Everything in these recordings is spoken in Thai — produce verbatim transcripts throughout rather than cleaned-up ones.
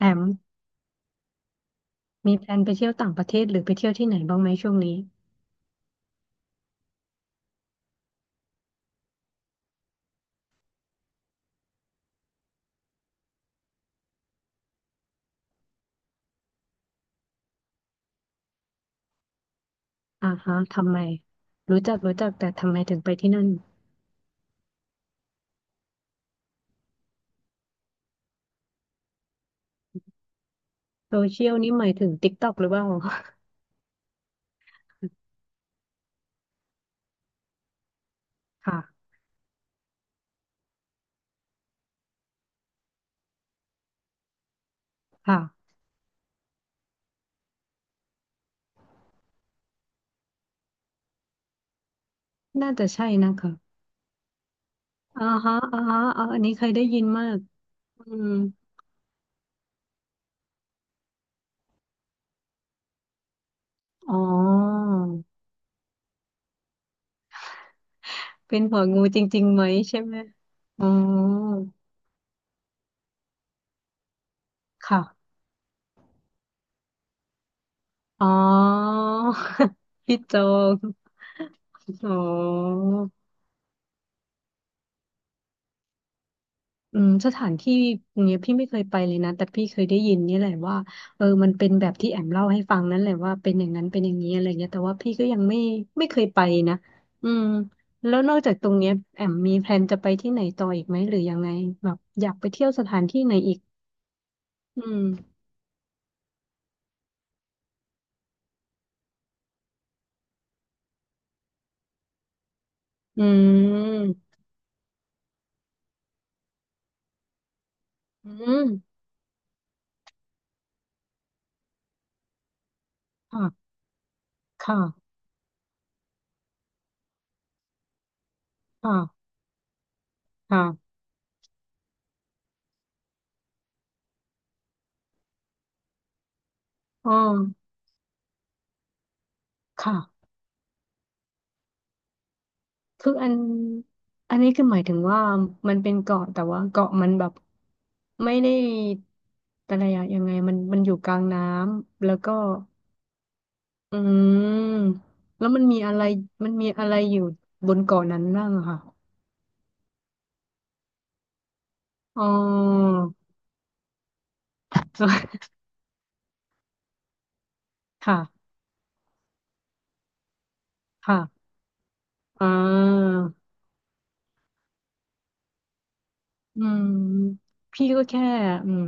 แอมมีแพลนไปเที่ยวต่างประเทศหรือไปเที่ยวที่ไหนบ้างไหมช่วงนี้อ่าฮะทำไมรู้จักรู้จักแต่ทำไมถึงไปที่นั่นโซเชียลนี่หมายถึง ติ๊กต็อก หรือเปล่า ค่ะค่ะน่าจะใช่นะคะอ่าฮะอ่าฮะอาอันนี้เคยได้ยินมากอืมอ๋อเป็นหัวงูจริงๆไหมใช่ไหมอ๋อค่ะอ๋อ พี่โจงอ๋อ อืมสถานที่อย่างเงี้ยพี่ไม่เคยไปเลยนะแต่พี่เคยได้ยินเนี่ยแหละว่าเออมันเป็นแบบที่แอมเล่าให้ฟังนั่นแหละว่าเป็นอย่างนั้นเป็นอย่างนี้อะไรเงี้ยแต่ว่าพี่ก็ยังไม่ไม่เคยไปนะอืมแล้วนอกจากตรงเนี้ยแอมมีแพลนจะไปที่ไหนต่ออีกไหมหรือยังไงแบบอยากไปเที่ยวสถานที่ไหนอีกอืมอืมอืมค่ะค่ะค่ะค่ะอ๋อค่ะ คืออันอันนี้คือหมายถึงว่ามันเป็นเกาะแต่ว่าเกาะมันแบบไม่ได้อะไรอะยังไงมันมันอยู่กลางน้ำแล้วก็อืมแล้วมันมีอะไรมันมีอะไรอยู่บนเกาะนั้นบ้างอะค่ะอ๋อ ค่ะค่ะอ่า อืมพี่ก็แค่อืม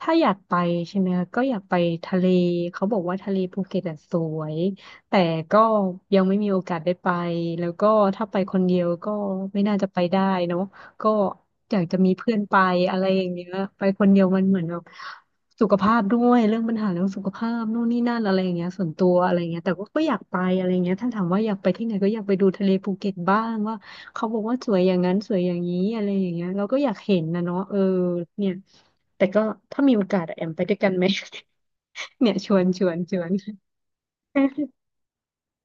ถ้าอยากไปใช่ไหมคะก็อยากไปทะเลเขาบอกว่าทะเลภูเก็ตอะสวยแต่ก็ยังไม่มีโอกาสได้ไปแล้วก็ถ้าไปคนเดียวก็ไม่น่าจะไปได้เนาะก็อยากจะมีเพื่อนไปอะไรอย่างเงี้ยไปคนเดียวมันเหมือนแบบสุขภาพด้วยเรื่องปัญหาเรื่องสุขภาพนู่นนี่นั่นอะไรอย่างเงี้ยส่วนตัวอะไรอย่างเงี้ยแต่ก็ก็อยากไปอะไรอย่างเงี้ยถ้าถามว่าอยากไปที่ไหนก็อยากไปดูทะเลภูเก็ตบ้างว่า เขาบอกว่าสวยอย่างนั้นสวยอย่างนี้อะไรอย่างเงี้ยเราก็อยากเห็นนะเนาะเออเนี่ยแต่ก็ถ้ามีโอกาสอะแอมไปด้วยกันไหม เนี่ยชวนชวนชวน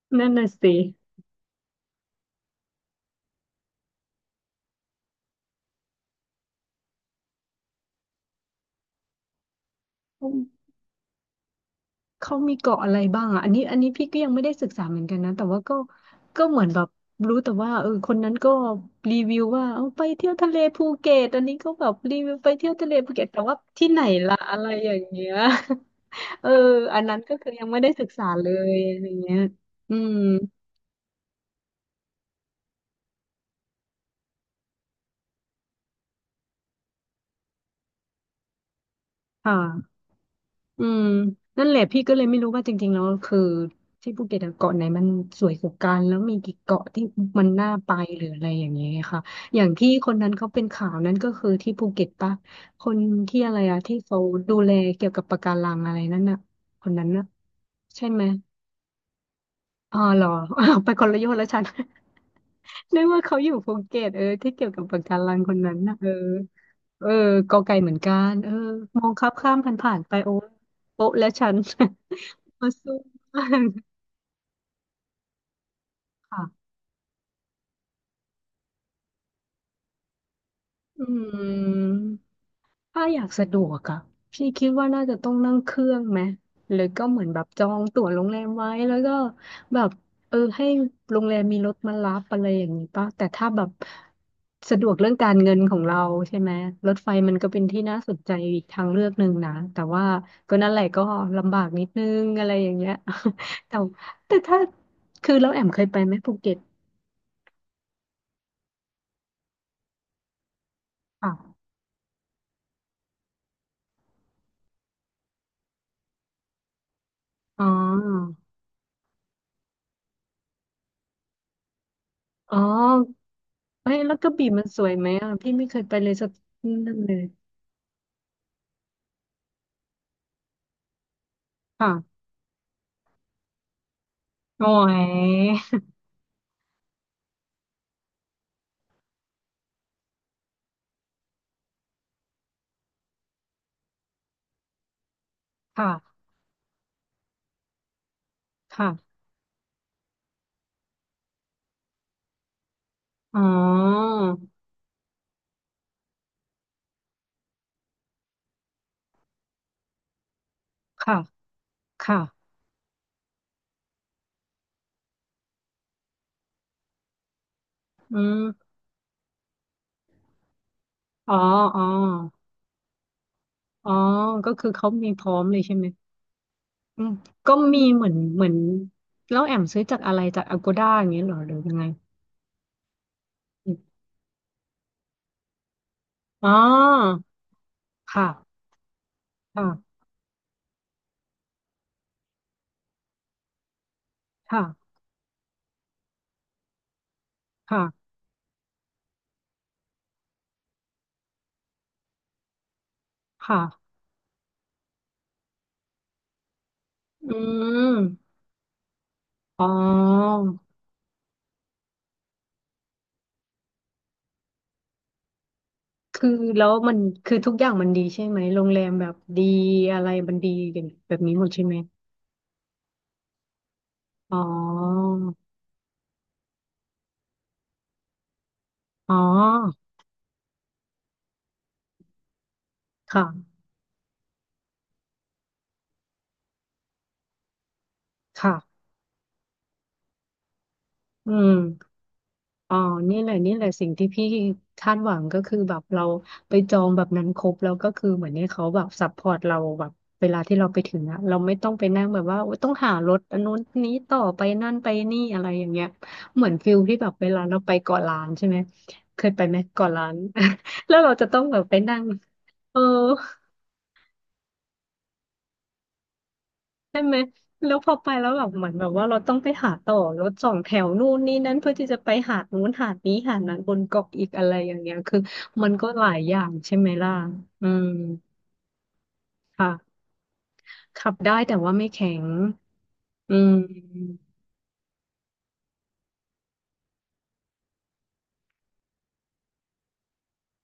นั่นน่ะสิเขาเขามีเกาะอะไรบ้างอ่ะอันนี้อันนี้พี่ก็ยังไม่ได้ศึกษาเหมือนกันนะแต่ว่าก็ก็เหมือนแบบรู้แต่ว่าเออคนนั้นก็รีวิวว่าเอาไปเที่ยวทะเลภูเก็ตอันนี้ก็แบบรีวิวไปเที่ยวทะเลภูเก็ตแต่ว่าที่ไหนล่ะอะไรอย่างเงี้ย เอออันนั้นก็คือยังไม่ได้ศึกษาเลยอะไรเงี้ยอืม ค่ะอืม นั่นแหละพี่ก็เลยไม่รู้ว่าจริงๆแล้วคือที่ภูเก็ตอะเกาะไหนมันสวยกว่ากันแล้วมีกี่เกาะที่มันน่าไปหรืออะไรอย่างเงี้ยค่ะอย่างที่คนนั้นเขาเป็นข่าวนั้นก็คือที่ภูเก็ตปะคนที่อะไรอะที่เขาดูแลเกี่ยวกับปะการังอะไรนั่นน่ะคนนั้นน่ะใช่ไหมอ๋อเหรออ้าวไปคนละโยชน์แล้วฉัน นึกว่าเขาอยู่ภูเก็ตเออที่เกี่ยวกับปะการังคนนั้นนะเออเออกอไก่เหมือนกันเออมองข้ามข้ามผ่านผ่านไปโอ้โป๊ะและฉัน มาสู้มากค่ะอืม ถ้าอยากสะดวกอะพี่คิดว่าน่าจะต้องนั่งเครื่องไหมหรือก็เหมือนแบบจองตั๋วโรงแรมไว้แล้วก็แบบเออให้โรงแรมมีรถมารับอะไรอย่างนี้ป่ะแต่ถ้าแบบสะดวกเรื่องการเงินของเราใช่ไหมรถไฟมันก็เป็นที่น่าสนใจอีกทางเลือกหนึ่งนะแต่ว่าก็นั่นแหละก็ลำบากนิดนึงอะไรอย่างเงี้ย แต่แต่ถ้าคือเราแอมเคยไปไหมภูเก็ตค่ะอ๋ออ๋อเอ้ยแล้วกระบี่มันสวยไหมอ่ะพี่ไม่เคยไปเลยสักนั่นเลย ค่ะโอ้ยค่ะค่ะอ๋อค่ะค่ะอืมอ๋ออ๋ออ๋อก็คือเขามีพร้อมเลยใช่ไหมอืมก็มีเหมือนเหมือนแล้วแอมซื้อจากอะไรจาก อโกด้า อย่างเงี้ยเหรอหรือยังไงอมอ๋อค่ะค่ะค่ะค่ะค่ะอืมอ๋อคือแล้วมันคือทุกอย่างมันดีใช่ไหมโรงแรมแบบดีอะไรมันดีอย่างแบบนี้หมดใช่ไหม อ๋ออ๋อ ค่ะค่ะอืมอ๋อนี่แหละนี่แหละสิ่งที่พี่คาดหวังก็คือแบบเราไปจองแบบนั้นครบแล้วก็คือเหมือนให้เขาแบบซัพพอร์ตเราแบบเวลาที่เราไปถึงอะเราไม่ต้องไปนั่งแบบว่าโอ๊ยต้องหารถอันนู้นนี้ต่อไปนั่นไปนี่อะไรอย่างเงี้ยเหมือนฟิลที่แบบเวลาเราไปเกาะล้านใช่ไหมเคยไปไหมเกาะล้าน แล้วเราจะต้องแบบไปนั่งเออ แล้วพอไปแล้วแบบเหมือนแบบว่าเราต้องไปหาต่อรถสองแถวนู่นนี่นั่นเพื่อที่จะไปหาดนู้นหาดนี้หาดนั้นบนเกาะอีกอะไรอย่างเงี้ยคือมันก็หลายอย่างใช่ไหมล่ะอืมค่ะขับได้แต่ว่าไม่แข็งอืม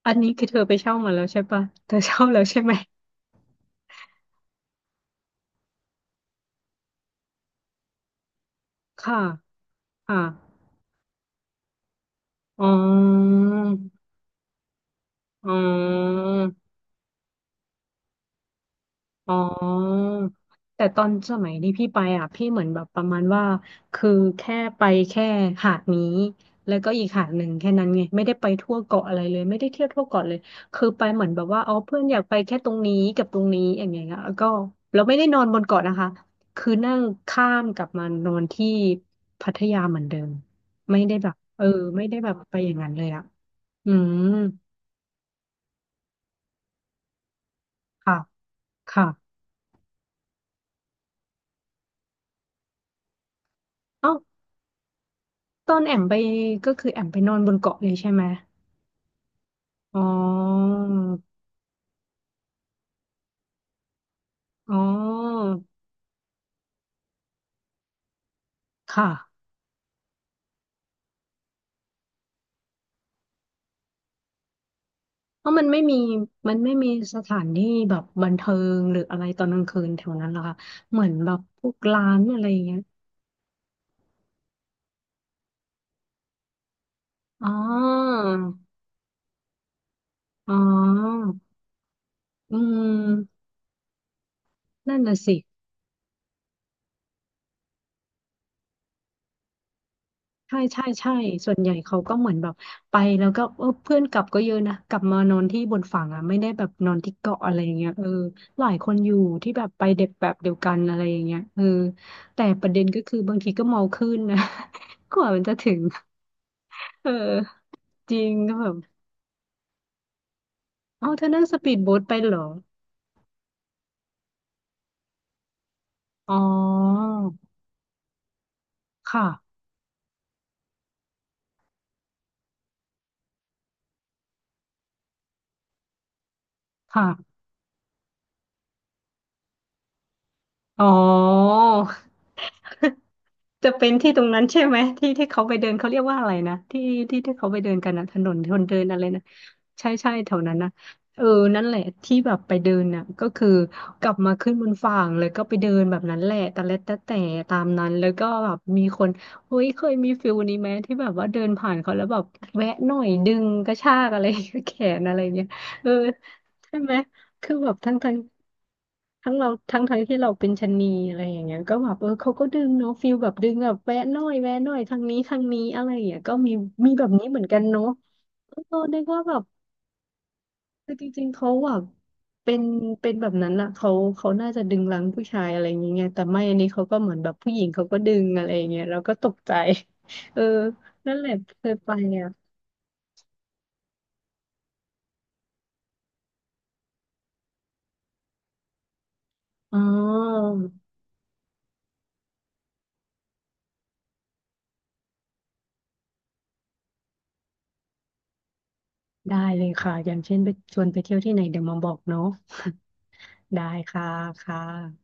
อันนี้คือเธอไปเช่ามาแล้วใช่ปะเธอเช่าแล้วใช่ไหมค่ะค่ะอ๋ออ๋อ อ๋อแต่ตอนสมัยที่พี่ไปอ่ะพี่เหมือนแบบประมาณว่าคือแค่ไปแค่หาดนี้แล้วก็อีกหาดหนึ่งแค่นั้นไงไม่ได้ไปทั่วเกาะอะไรเลยไม่ได้เที่ยวทั่วเกาะเลยคือไปเหมือนแบบว่าอ๋อเพื่อนอยากไปแค่ตรงนี้กับตรงนี้อย่างเงี้ยแล้วก็เราไม่ได้นอนบนเกาะนะคะคือนั่งข้ามกลับมานอนที่พัทยาเหมือนเดิมไม่ได้แบบเออไม่ได้แบบไปอย่างนั้นเลยอ่ะอืมค่ะค่ะเอ้าตอนแอมไปก็คือแอมไปนอนบนเกาะเลยใช่ไหม อ๋อ อ๋อ ค่ะเพราะมันไม่มี มันไม่มีสถานที่แบบบันเทิงหรืออะไรตอนกลางคืนแถวนั้นเหรอคะเหมือนแบบพวกร้านอะไรอย่างเงี้ยอ๋อ อ๋ออืมนั่นน่ะสิ ใช่ใช่ใช่ส่วนใหญ่เขาก็เหมือนแบบไปแล้วก็เออเพื่อนกลับก็เยอะนะกลับมานอนที่บนฝั่งอ่ะไม่ได้แบบนอนที่เกาะอะไรอย่างเงี้ยเออหลายคนอยู่ที่แบบไปเด็กแบบเดียวกันอะไรอย่างเงี้ยเออแต่ประเด็นก็คือบางทีก็เมาขึ้นนะ กว่ามันจะถึงเออจริงก็แบบเอาเธอนั่งสปีดโบ๊ทไปเหรออ๋อค่ะค่ะอ๋อ จะเป็นที่ตรงนั้นใช่ไหมที่ที่เขาไปเดินเขาเรียกว่าอะไรนะที่ที่ที่เขาไปเดินกันนะถนนคนเดินอะไรนะใช่ใช่แถวนั้นนะเออนั่นแหละที่แบบไปเดินน่ะก็คือกลับมาขึ้นบนฝั่งเลยก็ไปเดินแบบนั้นแหละแตะเล็ดตะแต่ตามนั้นแล้วก็แบบมีคนเฮ้ยเคยมีฟิลนี้ไหมที่แบบว่าเดินผ่านเขาแล้วแบบแวะหน่อยดึงกระชากอะไร แขนอะไรเงี้ยเออใช่ไหม คือแบบทั้งทั้งทั้งเราทั้งทั้งที่เราเป็นชะนีอะไรอย่างเงี้ยก็แบบเออเขาก็ดึงเนาะฟิลแบบดึงแบบแวะหน่อยแวะหน่อยทางนี้ทางนี้อะไรอย่างเงี้ยก็มีมีแบบนี้เหมือนกันเนาะเออนึกว่าแบบคือจริงๆเขาแบบเป็นเป็นแบบนั้นอะเขาเขาน่าจะดึงรั้งผู้ชายอะไรอย่างเงี้ยแต่ไม่อันนี้เขาก็เหมือนแบบผู้หญิงเขาก็ดึงอะไรอย่างเงี้ยเราก็ตกใจ เออนั่นแหละเคยไปอ่ะอ๋อได้เลยค่ะอย่างเช่นไปชวนไปเที่ยวที่ไหนเดี๋ยวมาบอกเนาะ ได้ค่ะค่ะ